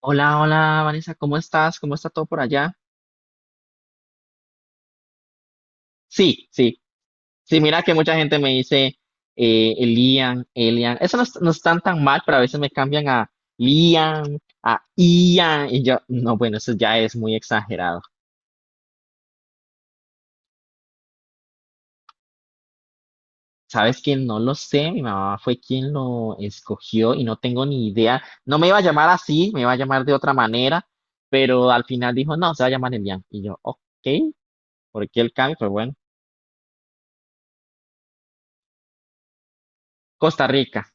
Hola, hola, Vanessa, ¿cómo estás? ¿Cómo está todo por allá? Sí, sí, sí, mira que mucha gente me dice Elian, Elian. Eso no, no están tan mal, pero a veces me cambian a Lian, a Ian, y yo, no, bueno, eso ya es muy exagerado. ¿Sabes quién No lo sé, mi mamá fue quien lo escogió y no tengo ni idea. No me iba a llamar así, me iba a llamar de otra manera, pero al final dijo, no, se va a llamar Elian. Y yo, ok, ¿por qué el cambio? Pues bueno, Costa Rica.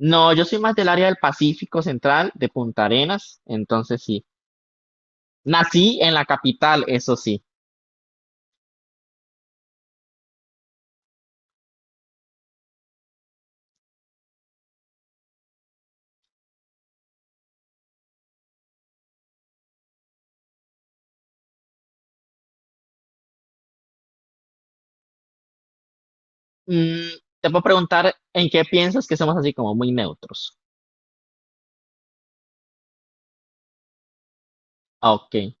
No, yo soy más del área del Pacífico Central, de Punta Arenas, entonces sí. Nací en la capital, eso sí. Mm, te puedo preguntar en qué piensas que somos así como muy neutros. Ah, Ok.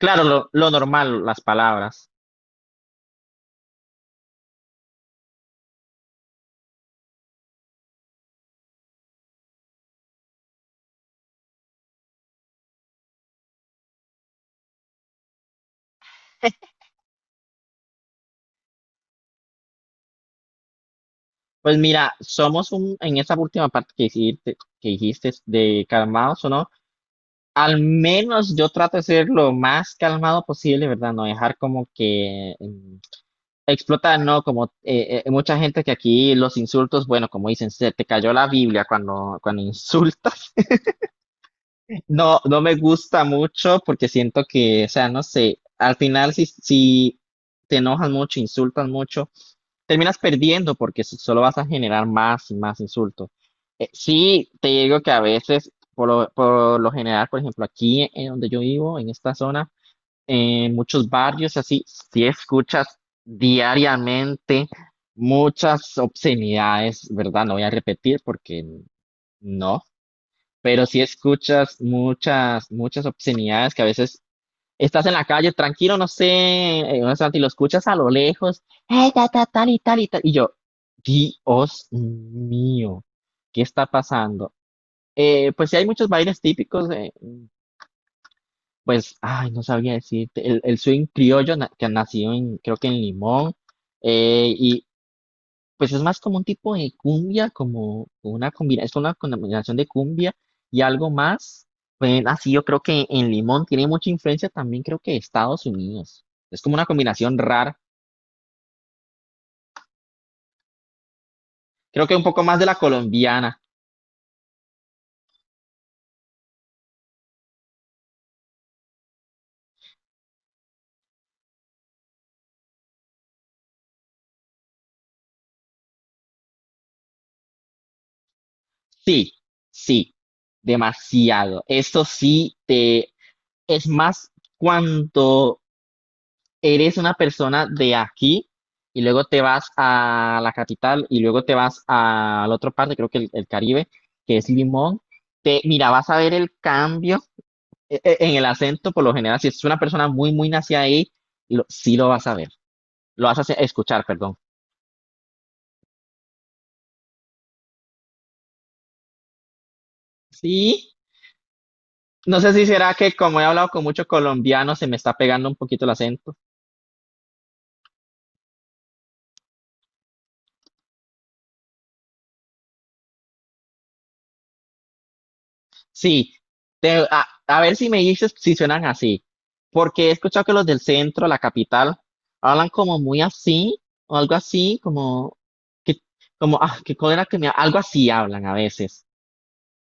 Claro, lo normal, las palabras. Pues mira, en esa última parte que dijiste de calmados o no, al menos yo trato de ser lo más calmado posible, ¿verdad? No dejar como que explotar, ¿no? Como mucha gente que aquí los insultos, bueno, como dicen, se te cayó la Biblia cuando insultas. No, no me gusta mucho porque siento que, o sea, no sé, al final si te enojas mucho, insultas mucho, terminas perdiendo porque solo vas a generar más y más insultos. Sí, te digo que a veces, por lo general, por ejemplo, aquí en donde yo vivo, en esta zona, en muchos barrios, así, si escuchas diariamente muchas obscenidades, ¿verdad? No voy a repetir porque no, pero si escuchas muchas, muchas obscenidades que a veces estás en la calle tranquilo, no sé, en un instante, y lo escuchas a lo lejos, ta, ta, tal y tal y tal, y yo, Dios mío, ¿qué está pasando? Pues sí hay muchos bailes típicos, pues, ay, no sabía decirte. El swing criollo que nació en, creo que en Limón. Y pues es más como un tipo de cumbia, como una combinación es una combinación de cumbia y algo más. Pues así yo creo que en Limón tiene mucha influencia también, creo que de Estados Unidos. Es como una combinación rara. Creo que un poco más de la colombiana. Sí, sí, demasiado. Esto sí te es más cuando eres una persona de aquí y luego te vas a la capital y luego te vas a la otra parte, creo que el Caribe, que es Limón. Mira, vas a ver el cambio en el acento, por lo general, si es una persona muy, muy nacida ahí, sí lo vas a ver, lo vas a escuchar, perdón. Sí, no sé si será que como he hablado con muchos colombianos, se me está pegando un poquito el acento. Sí, a ver si me dices si suenan así, porque he escuchado que los del centro, la capital, hablan como muy así, o algo así, como que, como, ah, que cólera que me, algo así hablan a veces,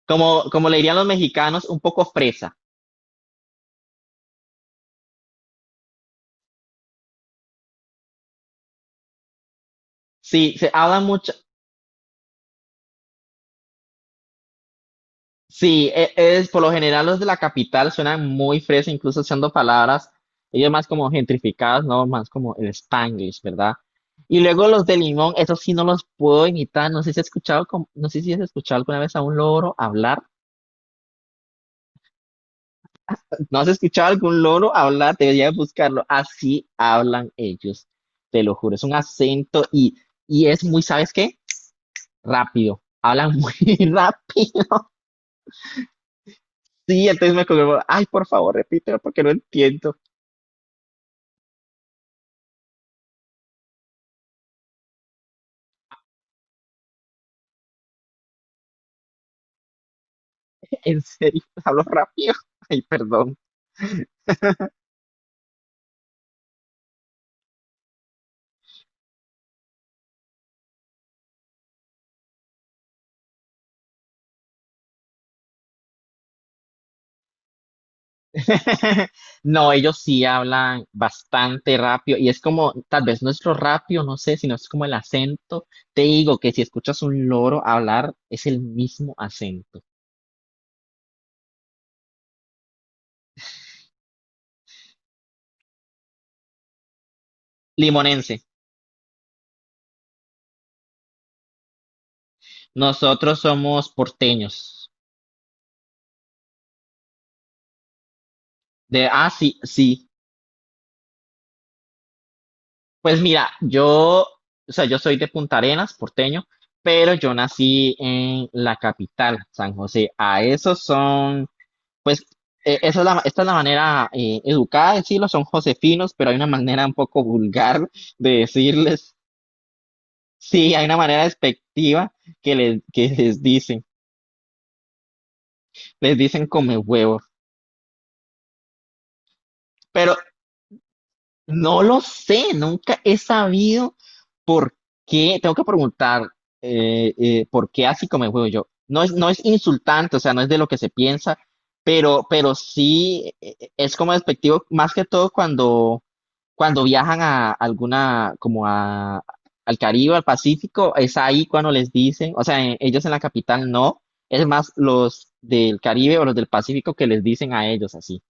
como le dirían los mexicanos, un poco fresa. Sí, se hablan sí, es por lo general los de la capital suenan muy fresas, incluso usando palabras, ellos más como gentrificadas, no más como el Spanglish, ¿verdad? Y luego los de Limón, esos sí no los puedo imitar, no sé si has escuchado alguna vez a un loro hablar, no has escuchado algún loro hablar, deberías buscarlo, así hablan ellos, te lo juro, es un acento y es muy, ¿sabes qué? Rápido, hablan muy rápido, sí, entonces me como, ay, por favor, repítelo porque no entiendo. ¿En serio? ¿Hablo rápido? Ay, perdón. No, ellos sí hablan bastante rápido y es como, tal vez nuestro rápido, no sé, sino es como el acento. Te digo que si escuchas un loro hablar, es el mismo acento. Limonense, nosotros somos porteños. Sí, sí. Pues mira, yo, o sea, yo soy de Punta Arenas, porteño, pero yo nací en la capital, San José. A esos son Pues esa es la, esta es la manera educada de decirlo, son josefinos, pero hay una manera un poco vulgar de decirles, sí, hay una manera despectiva que les dicen, les dicen come huevos, pero no lo sé, nunca he sabido por qué, tengo que preguntar por qué así come huevos yo. No es insultante, o sea, no es de lo que se piensa, pero sí es como despectivo, más que todo cuando viajan a alguna, como a, al Caribe, al Pacífico, es ahí cuando les dicen, o sea, ellos en la capital no, es más los del Caribe o los del Pacífico que les dicen a ellos así.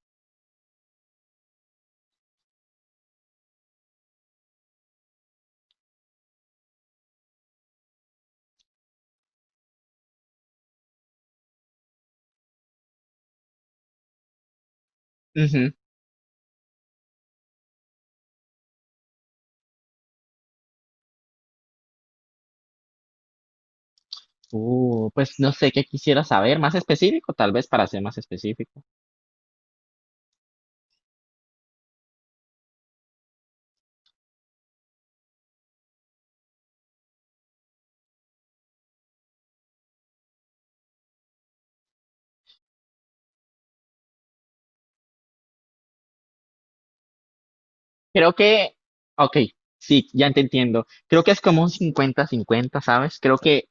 Ujú. Pues no sé qué quisiera saber, más específico, tal vez para ser más específico. Creo que, ok, sí, ya te entiendo. Creo que es como un 50-50, ¿sabes? Creo que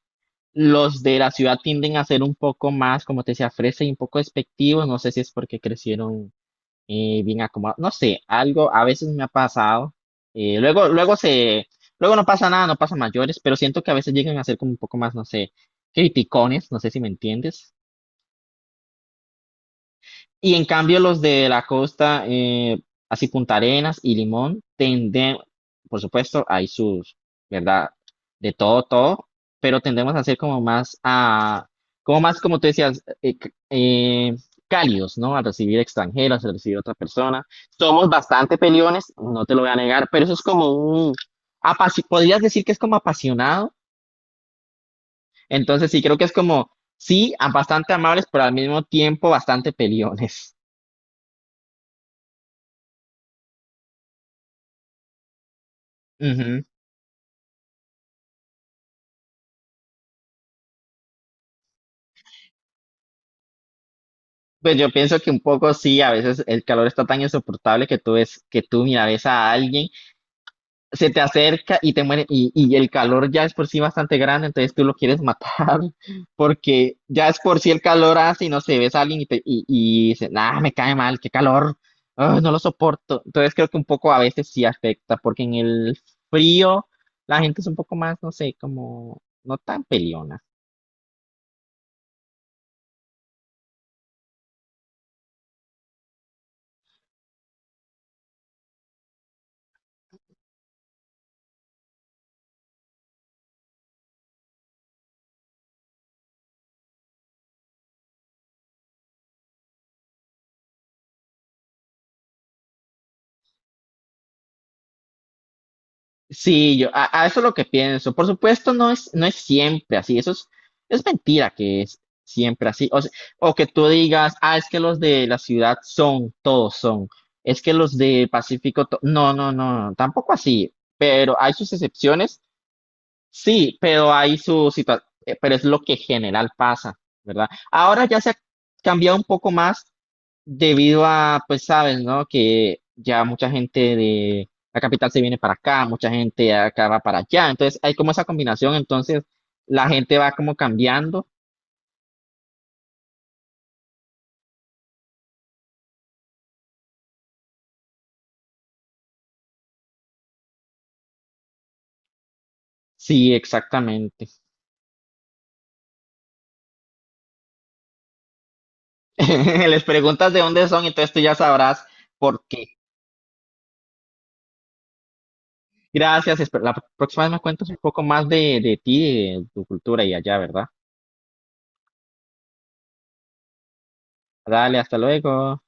los de la ciudad tienden a ser un poco más, como te decía, fresa y un poco despectivos. No sé si es porque crecieron bien acomodado. No sé, algo a veces me ha pasado. eh, luego, luego se, luego no pasa nada, no pasa mayores, pero siento que a veces llegan a ser como un poco más, no sé, criticones, no sé si me entiendes. Y en cambio los de la costa, así Punta Arenas y Limón, por supuesto, ¿verdad? De todo, todo, pero tendemos a ser como más como tú decías, cálidos, ¿no? Al recibir extranjeros, al recibir otra persona. Somos bastante peliones, no te lo voy a negar, pero eso es como podrías decir que es como apasionado, entonces sí, creo que es como, sí, bastante amables, pero al mismo tiempo bastante peliones. Pues yo pienso que un poco sí, a veces el calor está tan insoportable que que tú mira, ves a alguien, se te acerca y te muere, y el calor ya es por sí bastante grande, entonces tú lo quieres matar, porque ya es por sí el calor hace y no sé, ves a alguien y dices, ah, me cae mal, qué calor, ah, no lo soporto. Entonces creo que un poco a veces sí afecta, porque en el frío la gente es un poco más, no sé, como no tan peleona. Sí, a eso es lo que pienso. Por supuesto, no es siempre así. Eso es mentira que es siempre así. O que tú digas, ah, es que los de la ciudad son, todos son. Es que los de Pacífico, no, no, no, no, tampoco así. Pero hay sus excepciones, sí, pero hay su situación, pero es lo que general pasa, ¿verdad? Ahora ya se ha cambiado un poco más debido a, pues sabes, ¿no? Que ya mucha gente de la capital se viene para acá, mucha gente de acá va para allá, entonces hay como esa combinación, entonces la gente va como cambiando. Sí, exactamente. Les preguntas de dónde son, entonces tú ya sabrás por qué. Gracias, la próxima vez me cuentas un poco más de ti, de tu cultura y allá, ¿verdad? Dale, hasta luego.